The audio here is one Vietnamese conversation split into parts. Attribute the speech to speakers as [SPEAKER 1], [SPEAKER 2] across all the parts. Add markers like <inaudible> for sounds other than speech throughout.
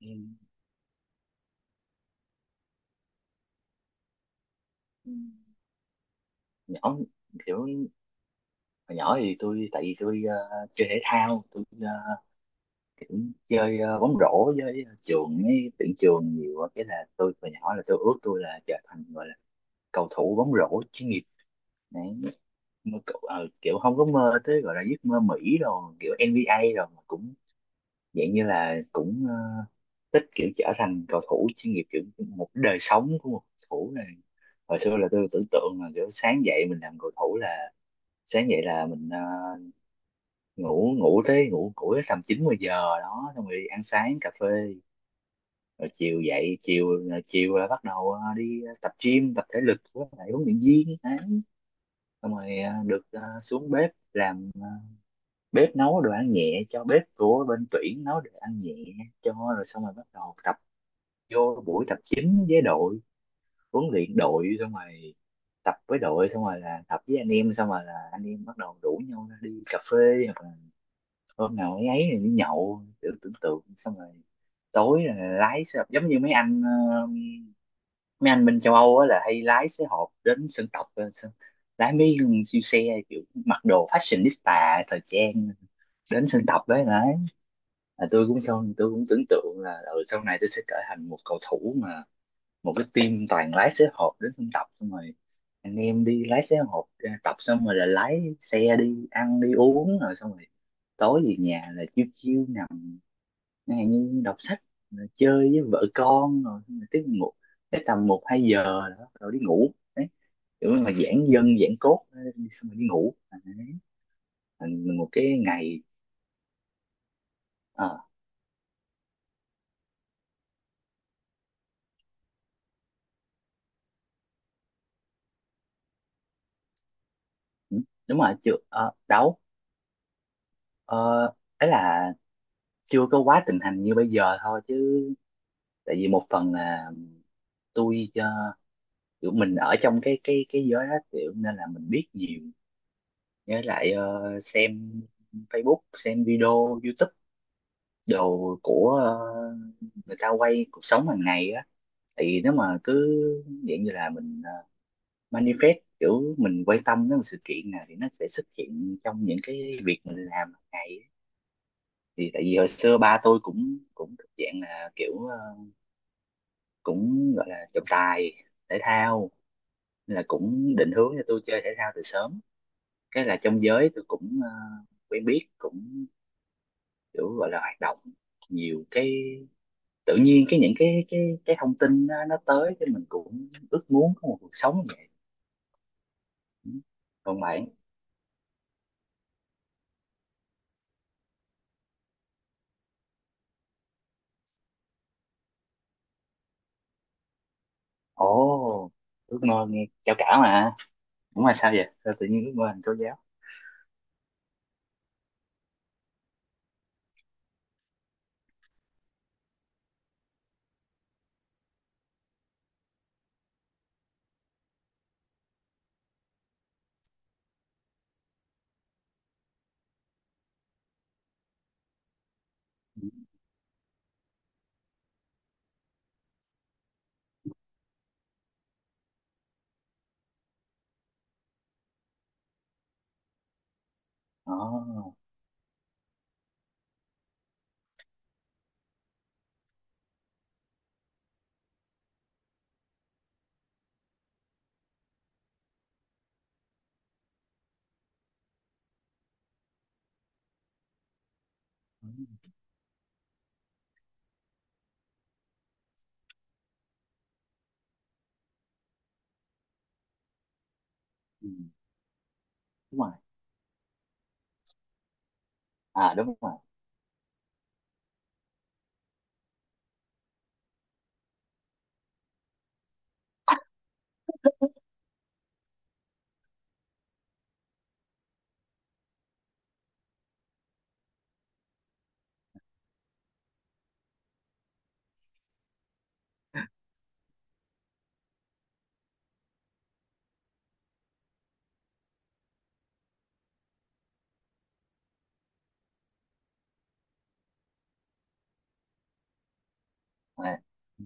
[SPEAKER 1] Ừ. nhỏ kiểu Hồi nhỏ thì tại vì tôi chơi thể thao, tôi kiểu chơi bóng rổ với trường ấy tuyển trường nhiều á. Cái là tôi hồi nhỏ là tôi ước tôi là trở thành, gọi là cầu thủ bóng rổ chuyên nghiệp đấy. Kiểu không có mơ tới gọi là giấc mơ Mỹ rồi, kiểu NBA rồi, mà cũng dạng như là cũng thích kiểu trở thành cầu thủ chuyên nghiệp, kiểu một đời sống của một cầu thủ này. Hồi xưa là tôi tưởng tượng là kiểu sáng dậy mình làm cầu thủ là sáng dậy là mình ngủ ngủ tới tầm chín mười giờ đó, xong rồi đi ăn sáng cà phê, rồi chiều dậy chiều rồi chiều là bắt đầu đi tập gym, tập thể lực với lại huấn luyện viên đấy. Xong rồi được xuống bếp làm bếp, nấu đồ ăn nhẹ cho bếp của bên tuyển, nấu đồ ăn nhẹ cho, rồi xong rồi bắt đầu tập vô buổi tập chính với đội, huấn luyện đội xong rồi tập với đội xong rồi là tập với anh em, xong rồi là anh em bắt đầu rủ nhau ra đi cà phê, hôm nào ấy ấy thì đi nhậu, tưởng tưởng tượng, xong rồi tối là lái xe hộp giống như mấy anh ờ, mấy anh bên châu Âu á là hay lái xe hộp đến sân tập, lái mấy con siêu xe, kiểu mặc đồ fashionista thời trang, đến sân tập đấy. Đấy là tôi cũng, xong tôi cũng tưởng tượng là ừ, sau này tôi sẽ trở thành một cầu thủ mà một cái team toàn lái xế hộp đến sân tập, xong rồi anh em đi lái xế hộp ra tập xong rồi là lái xe đi ăn đi uống rồi, xong rồi tối về nhà là chiêu chiêu nằm chẳng hạn như đọc sách, rồi chơi với vợ con rồi, xong rồi tiếp ngủ tới tầm một hai giờ đó rồi đi ngủ đấy, kiểu mà giãn dân giãn cốt đi xong rồi đi ngủ. À, đấy. Thành một cái ngày. ờ, ừ, đúng rồi, chưa đâu. Ờ, Ấy là chưa có quá thịnh hành như bây giờ thôi, chứ tại vì một phần là tôi kiểu mình ở trong cái giới đó, kiểu nên là mình biết nhiều, với lại xem Facebook, xem video YouTube đồ của người ta quay cuộc sống hàng ngày á. Thì nếu mà cứ dạng như là mình manifest, kiểu mình quan tâm đến một sự kiện nào thì nó sẽ xuất hiện trong những cái việc mình làm hàng ngày á. Thì tại vì hồi xưa ba tôi cũng cũng thuộc dạng là kiểu cũng gọi là trọng tài thể thao, nên là cũng định hướng cho tôi chơi thể thao từ sớm. Cái là trong giới tôi cũng quen biết, cũng kiểu gọi là hoạt động nhiều, cái tự nhiên cái những cái thông tin nó tới, cái mình cũng ước muốn có một cuộc sống như vậy. Còn bạn? Ồ, ước mơ nghe cao cả mà. Đúng là sao vậy, sao tự nhiên ước mơ thành cô giáo. Ồ, ừ, ừ, đúng rồi, à đúng rồi. À. Ừ.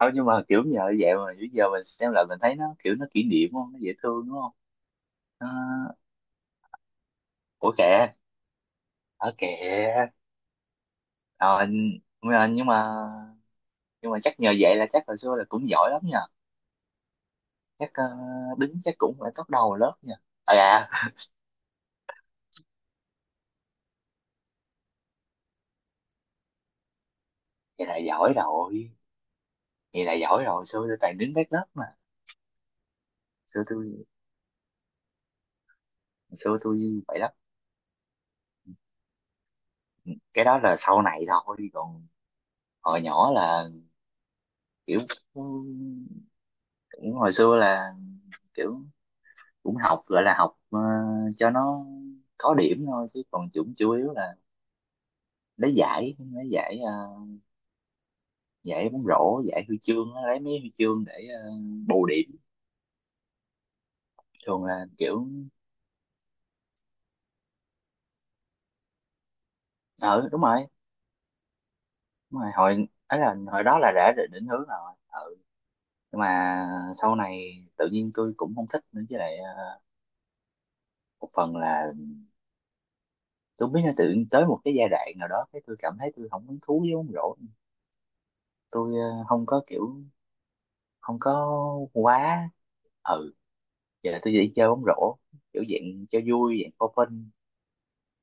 [SPEAKER 1] Thôi nhưng mà kiểu giờ vậy mà bây giờ mình xem lại mình thấy nó kiểu nó kỷ niệm không, nó dễ thương đúng không? À, ủa kìa, ở kìa. Rồi, mà- nhưng mà nhưng mà chắc nhờ vậy là chắc hồi xưa là cũng giỏi lắm nha, chắc đứng chắc cũng phải top đầu lớp nha. À dạ, vậy là giỏi rồi, vậy là giỏi rồi, hồi xưa tôi toàn đứng các lớp mà. Xưa tôi hồi xưa tôi vậy lắm. Cái đó là sau này thôi, còn hồi nhỏ là kiểu cũng, hồi xưa là kiểu cũng học gọi là học cho nó có điểm thôi, chứ còn chủ chủ yếu là lấy giải giải bóng rổ, giải huy chương á, lấy mấy huy chương để ờ, bù điểm. Thường là kiểu ừ, đúng rồi đúng rồi, hồi ấy là hồi đó là đã định định hướng rồi. Ừ. Nhưng mà sau này tự nhiên tôi cũng không thích nữa, với lại một phần là tôi không biết là tự nhiên tới một cái giai đoạn nào đó, cái tôi cảm thấy tôi không hứng thú với bóng rổ. Tôi không có kiểu, không có quá, ừ, giờ tôi chỉ chơi bóng rổ kiểu dạng cho vui, dạng for fun,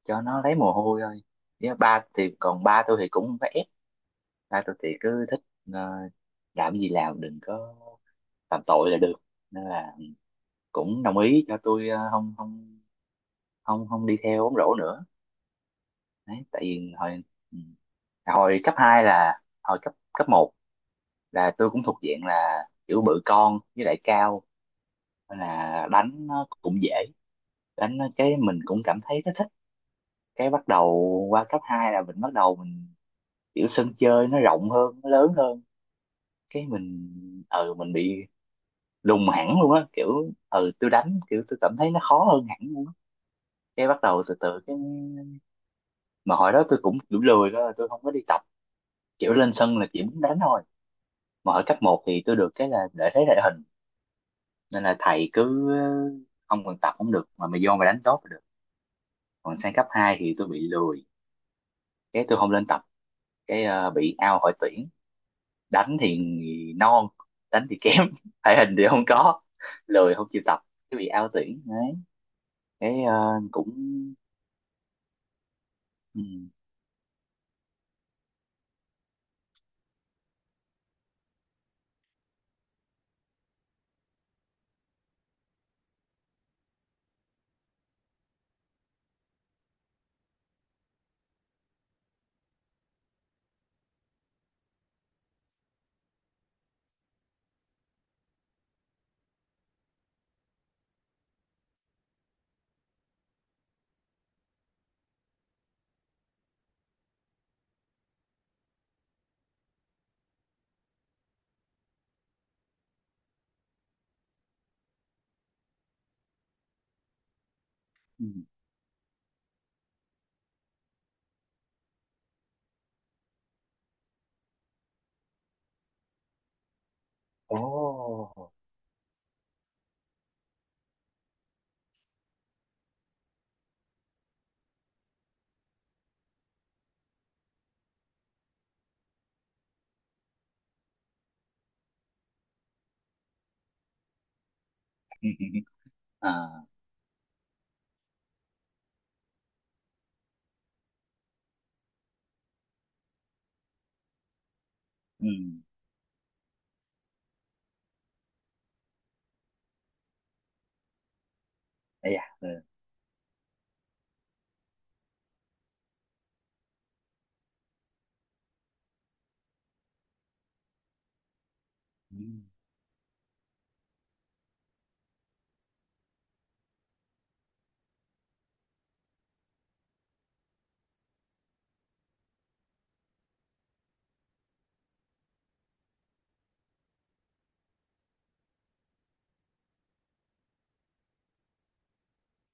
[SPEAKER 1] cho nó lấy mồ hôi thôi. Với ba thì, còn ba tôi thì cũng vẽ, Hai tôi thì cứ thích ờ, làm gì làm đừng có phạm tội là được, nên là cũng đồng ý cho tôi không không không không đi theo bóng rổ nữa. Đấy tại vì hồi ừ, hồi cấp 2 là hồi cấp cấp một là tôi cũng thuộc diện là kiểu bự con với lại cao, nên là đánh nó cũng dễ, đánh nó cái mình cũng cảm thấy nó thích. Cái bắt đầu qua cấp 2 là mình bắt đầu mình kiểu sân chơi nó rộng hơn nó lớn hơn, cái mình ừ mình bị lùng hẳn luôn á, kiểu ừ tôi đánh kiểu tôi cảm thấy nó khó hơn hẳn luôn á. Cái bắt đầu từ từ cái mà hồi đó tôi cũng kiểu lười đó, tôi không có đi tập, kiểu lên sân là chỉ muốn đánh thôi. Mà ở cấp một thì tôi được cái là lợi thế địa hình, nên là thầy cứ không cần tập cũng được mà mày vô mày đánh tốt là được. Còn sang cấp 2 thì tôi bị lười, cái tôi không lên tập, cái bị out khỏi tuyển. Đánh thì non, đánh thì kém <laughs> thể hình thì không có, lười không chịu tập, cái bị out tuyển đấy, cái cũng. Ừ, ừ. Ồ. Ừ, ừ, ừ. À. Ừ. Ây à, ừ. Ừ.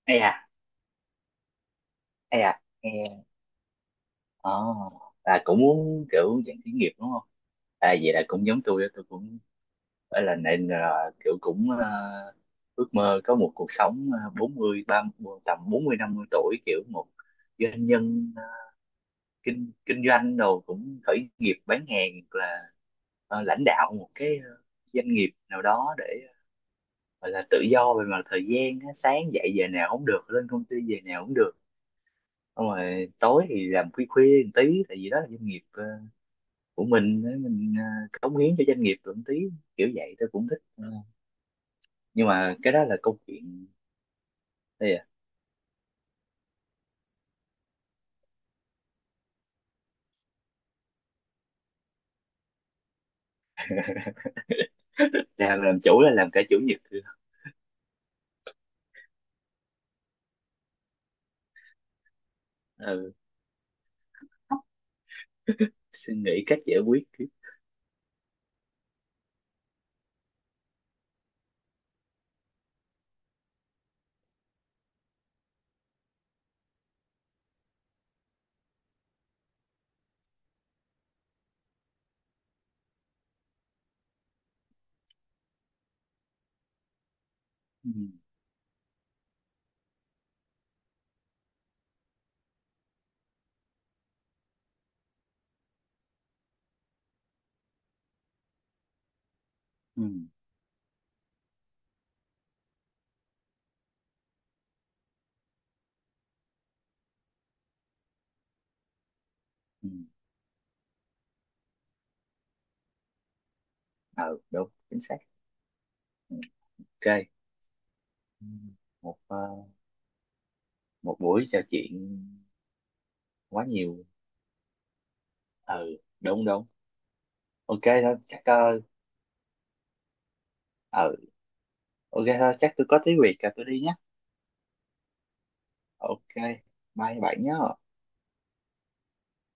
[SPEAKER 1] Ây à. Ây à, nghe à, là cũng muốn kiểu dạng khởi nghiệp đúng không. À vậy là cũng giống tôi đó, tôi cũng phải là nên là kiểu cũng ước mơ có một cuộc sống bốn mươi, ba, 30 tầm bốn mươi năm mươi tuổi kiểu một doanh nhân kinh kinh doanh đồ, cũng khởi nghiệp bán hàng hoặc là lãnh đạo một cái doanh nghiệp nào đó để gọi là tự do về mặt thời gian á, sáng dậy giờ nào cũng được, lên công ty giờ nào cũng được, xong rồi tối thì làm khuya khuya một tí tại vì đó là doanh nghiệp của mình á, mình cống hiến cho doanh nghiệp được một tí, kiểu vậy tôi cũng thích. Ờ, nhưng mà cái đó là câu chuyện. Đây à. Làm chủ là làm cả chủ nhật. Ừ. Suy nghĩ cách giải quyết. Ừ. Ừ. Ừ. Ừ đúng chính xác. Ừ, ok. Ừ. Một một buổi trò chuyện quá nhiều. Ừ đúng đúng. Ok thôi chắc ừ, ok thôi chắc tôi có tí việc rồi tôi đi nhé. Ok, bye bạn nhé.